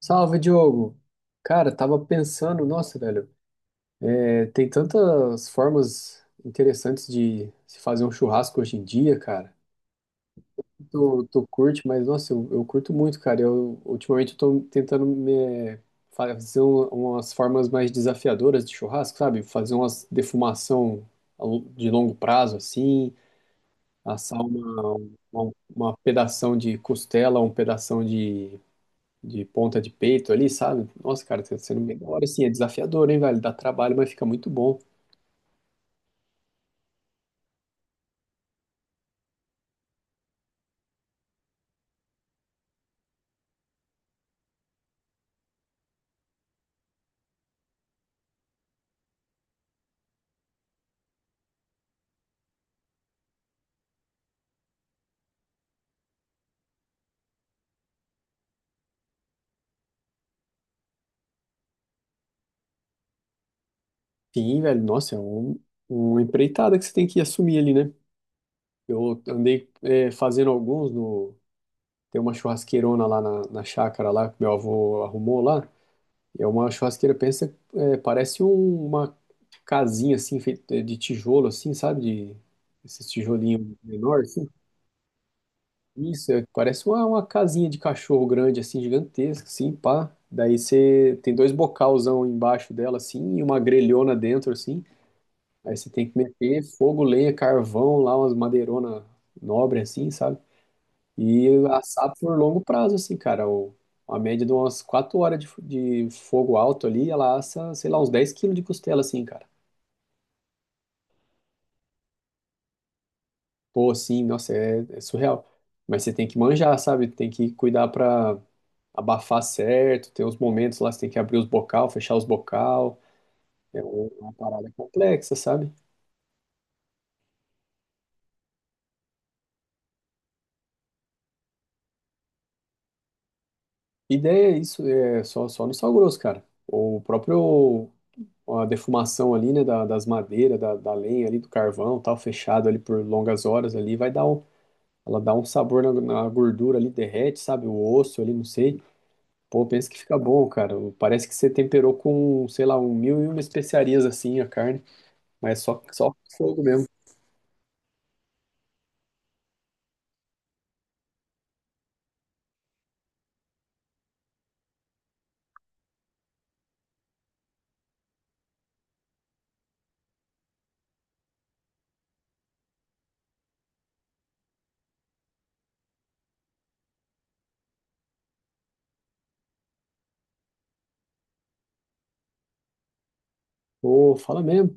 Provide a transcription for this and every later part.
Salve, Diogo! Cara, tava pensando, nossa, velho, é, tem tantas formas interessantes de se fazer um churrasco hoje em dia, cara. Tu curte, mas nossa, eu curto muito, cara. Eu ultimamente eu tô tentando me fazer umas formas mais desafiadoras de churrasco, sabe? Fazer umas defumação de longo prazo, assim, assar uma pedação de costela, um pedação de ponta de peito ali, sabe? Nossa, cara, tá sendo melhor, assim, é desafiador, hein, velho? Dá trabalho, mas fica muito bom. Sim, velho, nossa, é uma empreitada que você tem que assumir ali, né? Eu andei é, fazendo alguns no... Tem uma churrasqueirona lá na chácara lá, que meu avô arrumou lá. É uma churrasqueira, pensa, é, parece uma casinha, assim, feita de tijolo, assim, sabe? De, esses tijolinhos menores. Isso, é- parece uma casinha de cachorro grande, assim, gigantesca, assim, pá. Daí você tem dois bocalzão embaixo dela, assim, e uma grelhona dentro, assim. Aí você tem que meter fogo, lenha, carvão, lá umas madeirona nobre, assim, sabe? E assar por longo prazo, assim, cara. O, a média de umas 4 horas de fogo alto ali, ela assa, sei lá, uns 10 quilos de costela, assim, cara. Pô, assim, nossa, é, é surreal. Mas você tem que manjar, sabe? Tem que cuidar pra abafar certo, tem uns momentos lá que você tem que abrir os bocal, fechar os bocal, é uma parada complexa, sabe? Ideia é isso, é só no sal grosso, cara. O próprio a defumação ali, né, das madeiras, da lenha ali, do carvão, tal, fechado ali por longas horas ali, vai dar um, ela dá um sabor na, na gordura ali, derrete, sabe? O osso ali, não sei. Pô, pensa que fica bom, cara. Parece que você temperou com, sei lá, um mil e uma especiarias assim a carne, mas é só fogo mesmo. Pô, fala mesmo.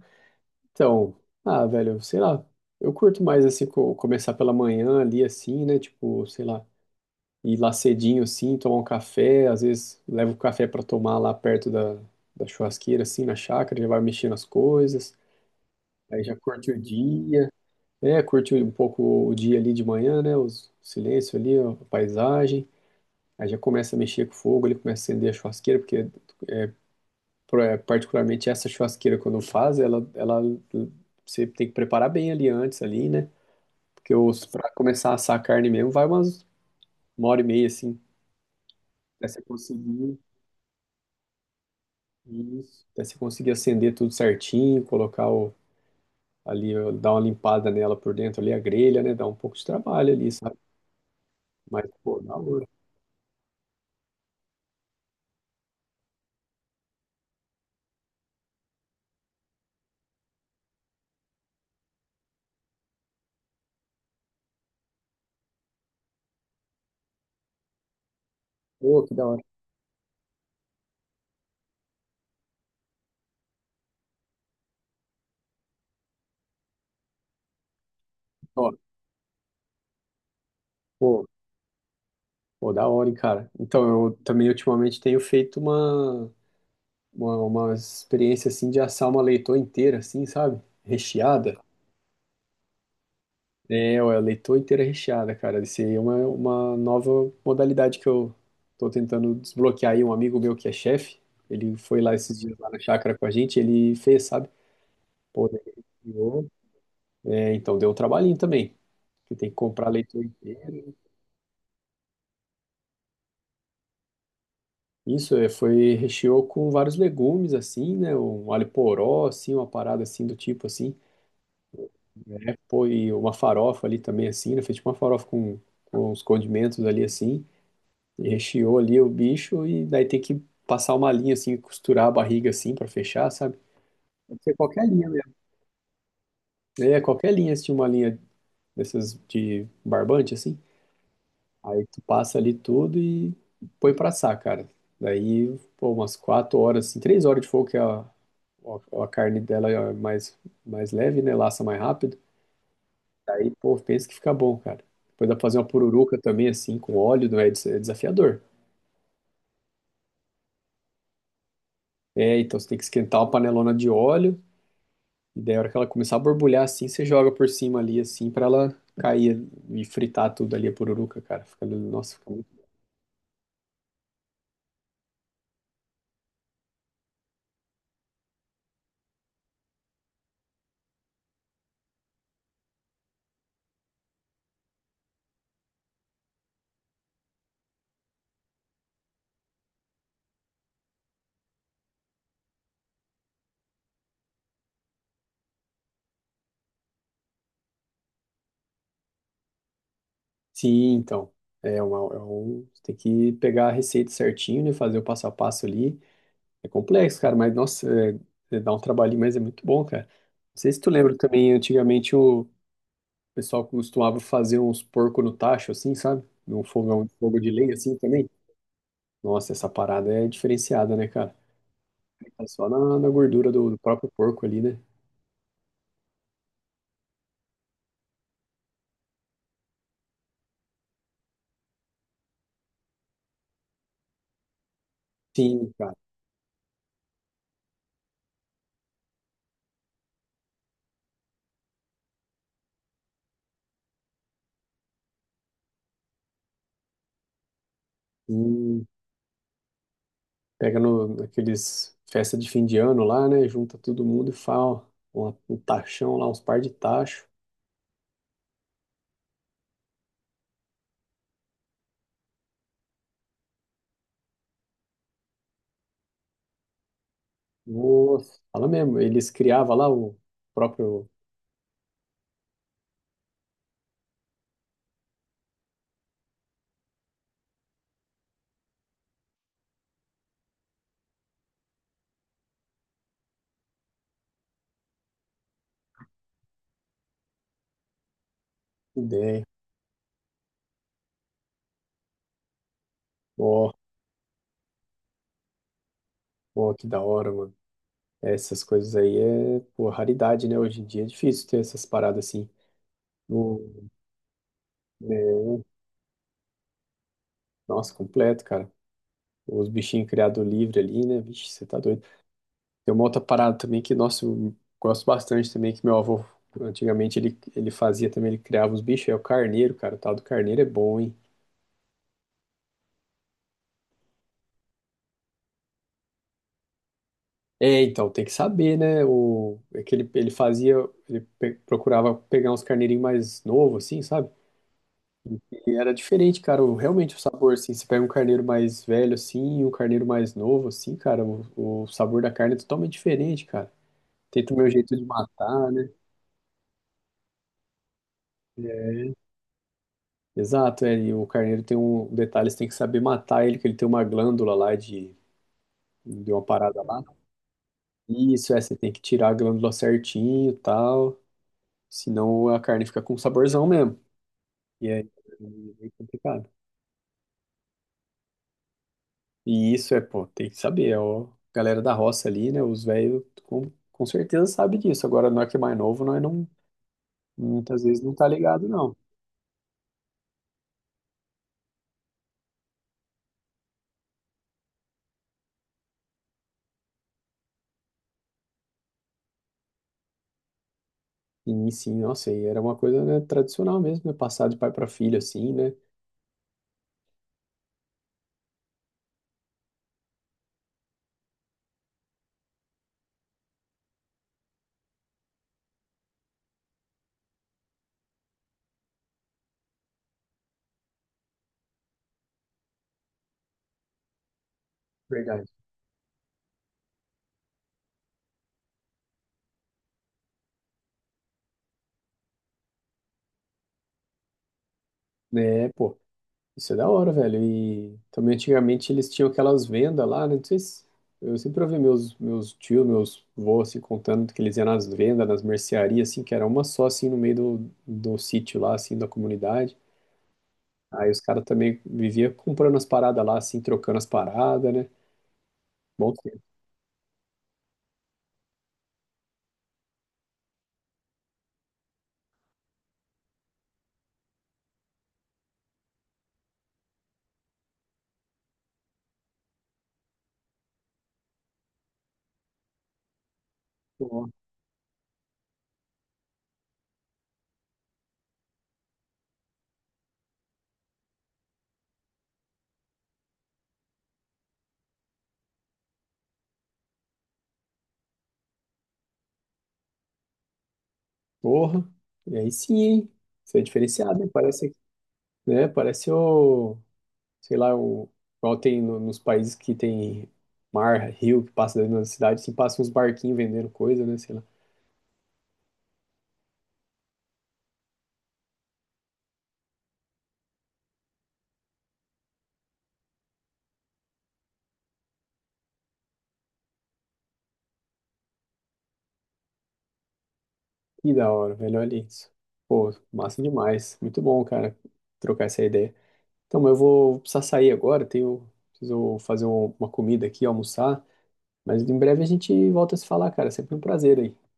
Então, ah, velho, sei lá, eu curto mais assim, começar pela manhã ali, assim, né? Tipo, sei lá, ir lá cedinho assim, tomar um café, às vezes levo o café pra tomar lá perto da, da churrasqueira, assim, na chácara, já vai mexendo as coisas, aí já curte o dia, é, curte um pouco o dia ali de manhã, né? Os, o silêncio ali, ó, a paisagem, aí já começa a mexer com o fogo, ele começa a acender a churrasqueira, porque é, particularmente essa churrasqueira, quando faz, ela, você tem que preparar bem ali antes, ali, né? Que eu, pra começar a assar a carne mesmo, vai uma hora e meia, assim. Até você conseguir, isso, até você conseguir acender tudo certinho, colocar o, ali, ó, dar uma limpada nela por dentro ali, a grelha, né? Dá um pouco de trabalho ali, sabe? Mas, pô, da hora. Pô, que da hora. Ó, pô, pô, da hora, hein, cara. Então, eu também ultimamente tenho feito uma experiência, assim, de assar uma leitoa inteira, assim, sabe? Recheada. É, ó, a leitoa inteira recheada, cara. Isso aí é uma nova modalidade que eu tô tentando desbloquear aí. Um amigo meu que é chefe, ele foi lá esses dias lá na chácara com a gente, ele fez, sabe? Pô, daí ele criou. É, então deu um trabalhinho também. Você tem que comprar a leitoa inteira. Isso, é, foi, recheou com vários legumes, assim, né? Um alho poró, assim, uma parada assim do tipo, assim. É, pô, e uma farofa ali também, assim, né? Fez tipo uma farofa com uns condimentos ali, assim. E recheou ali o bicho e daí tem que passar uma linha assim, costurar a barriga assim pra fechar, sabe? Pode ser qualquer linha mesmo. É, qualquer linha, se tinha uma linha dessas de barbante assim, aí tu passa ali tudo e põe pra assar, cara. Daí, pô, umas 4 horas, assim, 3 horas de fogo que a carne dela é mais, mais leve, né? Laça mais rápido. Daí, pô, pensa que fica bom, cara. Depois dá pra fazer uma pururuca também, assim, com óleo, né? É desafiador. É, então você tem que esquentar uma panelona de óleo. E daí, a hora que ela começar a borbulhar assim, você joga por cima ali, assim, pra ela cair e fritar tudo ali, a pururuca, cara. Fica, nossa, fica muito. Sim, então. É, uma, é um, você tem que pegar a receita certinho, né? Fazer o passo a passo ali. É complexo, cara, mas nossa, é- é- dá um trabalhinho, mas é muito bom, cara. Não sei se tu lembra também, antigamente o pessoal costumava fazer uns porco no tacho, assim, sabe? Num fogão, um fogo de lenha, assim também. Nossa, essa parada é diferenciada, né, cara? Tá só na, na gordura do próprio porco ali, né? Sim, cara. Sim. Pega no, naqueles festa de fim de ano lá, né? Junta todo mundo e fala ó, um tachão lá, uns par de tacho. Nossa, fala mesmo. Eles criavam lá o próprio ideia. Ó, ó, que da hora, mano. Essas coisas aí é, pô, raridade, né? Hoje em dia é difícil ter essas paradas assim. No, né? Nossa, completo, cara. Os bichinhos criados livre ali, né? Vixe, você tá doido. Tem uma outra parada também que, nossa, eu gosto bastante também, que meu avô, antigamente, ele fazia também, ele criava os bichos, é o carneiro, cara, o tal do carneiro é bom, hein? É, então, tem que saber, né? O, é que ele fazia, ele procurava pegar uns carneirinhos mais novos, assim, sabe? E era diferente, cara, o- realmente o sabor, assim, você pega um carneiro mais velho, assim, e um carneiro mais novo, assim, cara, o sabor da carne é totalmente diferente, cara. Tem também o jeito de matar, né? É. Exato, é, e o carneiro tem um detalhe, você tem que saber matar ele, que ele tem uma glândula lá de uma parada lá, né? Isso, é, você tem que tirar a glândula certinho e tal, senão a carne fica com saborzão mesmo. E é, meio complicado. E isso é, pô, tem que saber, é ó, a galera da roça ali, né, os velhos com certeza sabe disso. Agora, nós que é mais novo, nós não, muitas vezes não tá ligado, não. Sim, sim, nossa, e era uma coisa, né, tradicional mesmo, né, passar de pai para filho, assim, né. Verdade. É, pô. Isso é da hora, velho. E também antigamente eles tinham aquelas vendas lá, né? Não sei se... Eu sempre ouvi meus tios, meus avós, assim, contando que eles iam nas vendas, nas mercearias, assim, que era uma só, assim, no meio do sítio lá, assim, da comunidade. Aí os caras também viviam comprando as paradas lá, assim, trocando as paradas, né? Bom tempo, ó. Porra! E aí sim, hein? Isso é diferenciado, né? Parece, né? Parece o... sei lá, o, igual tem nos países que tem mar, rio que passa dentro das cidades, assim, passa uns barquinhos vendendo coisa, né? Sei lá. Que da hora, velho, olha isso. Pô, massa demais. Muito bom, cara, trocar essa ideia. Então, mas eu vou precisar sair agora, tenho, preciso fazer uma comida aqui, almoçar, mas em breve a gente volta a se falar, cara. Sempre um prazer aí.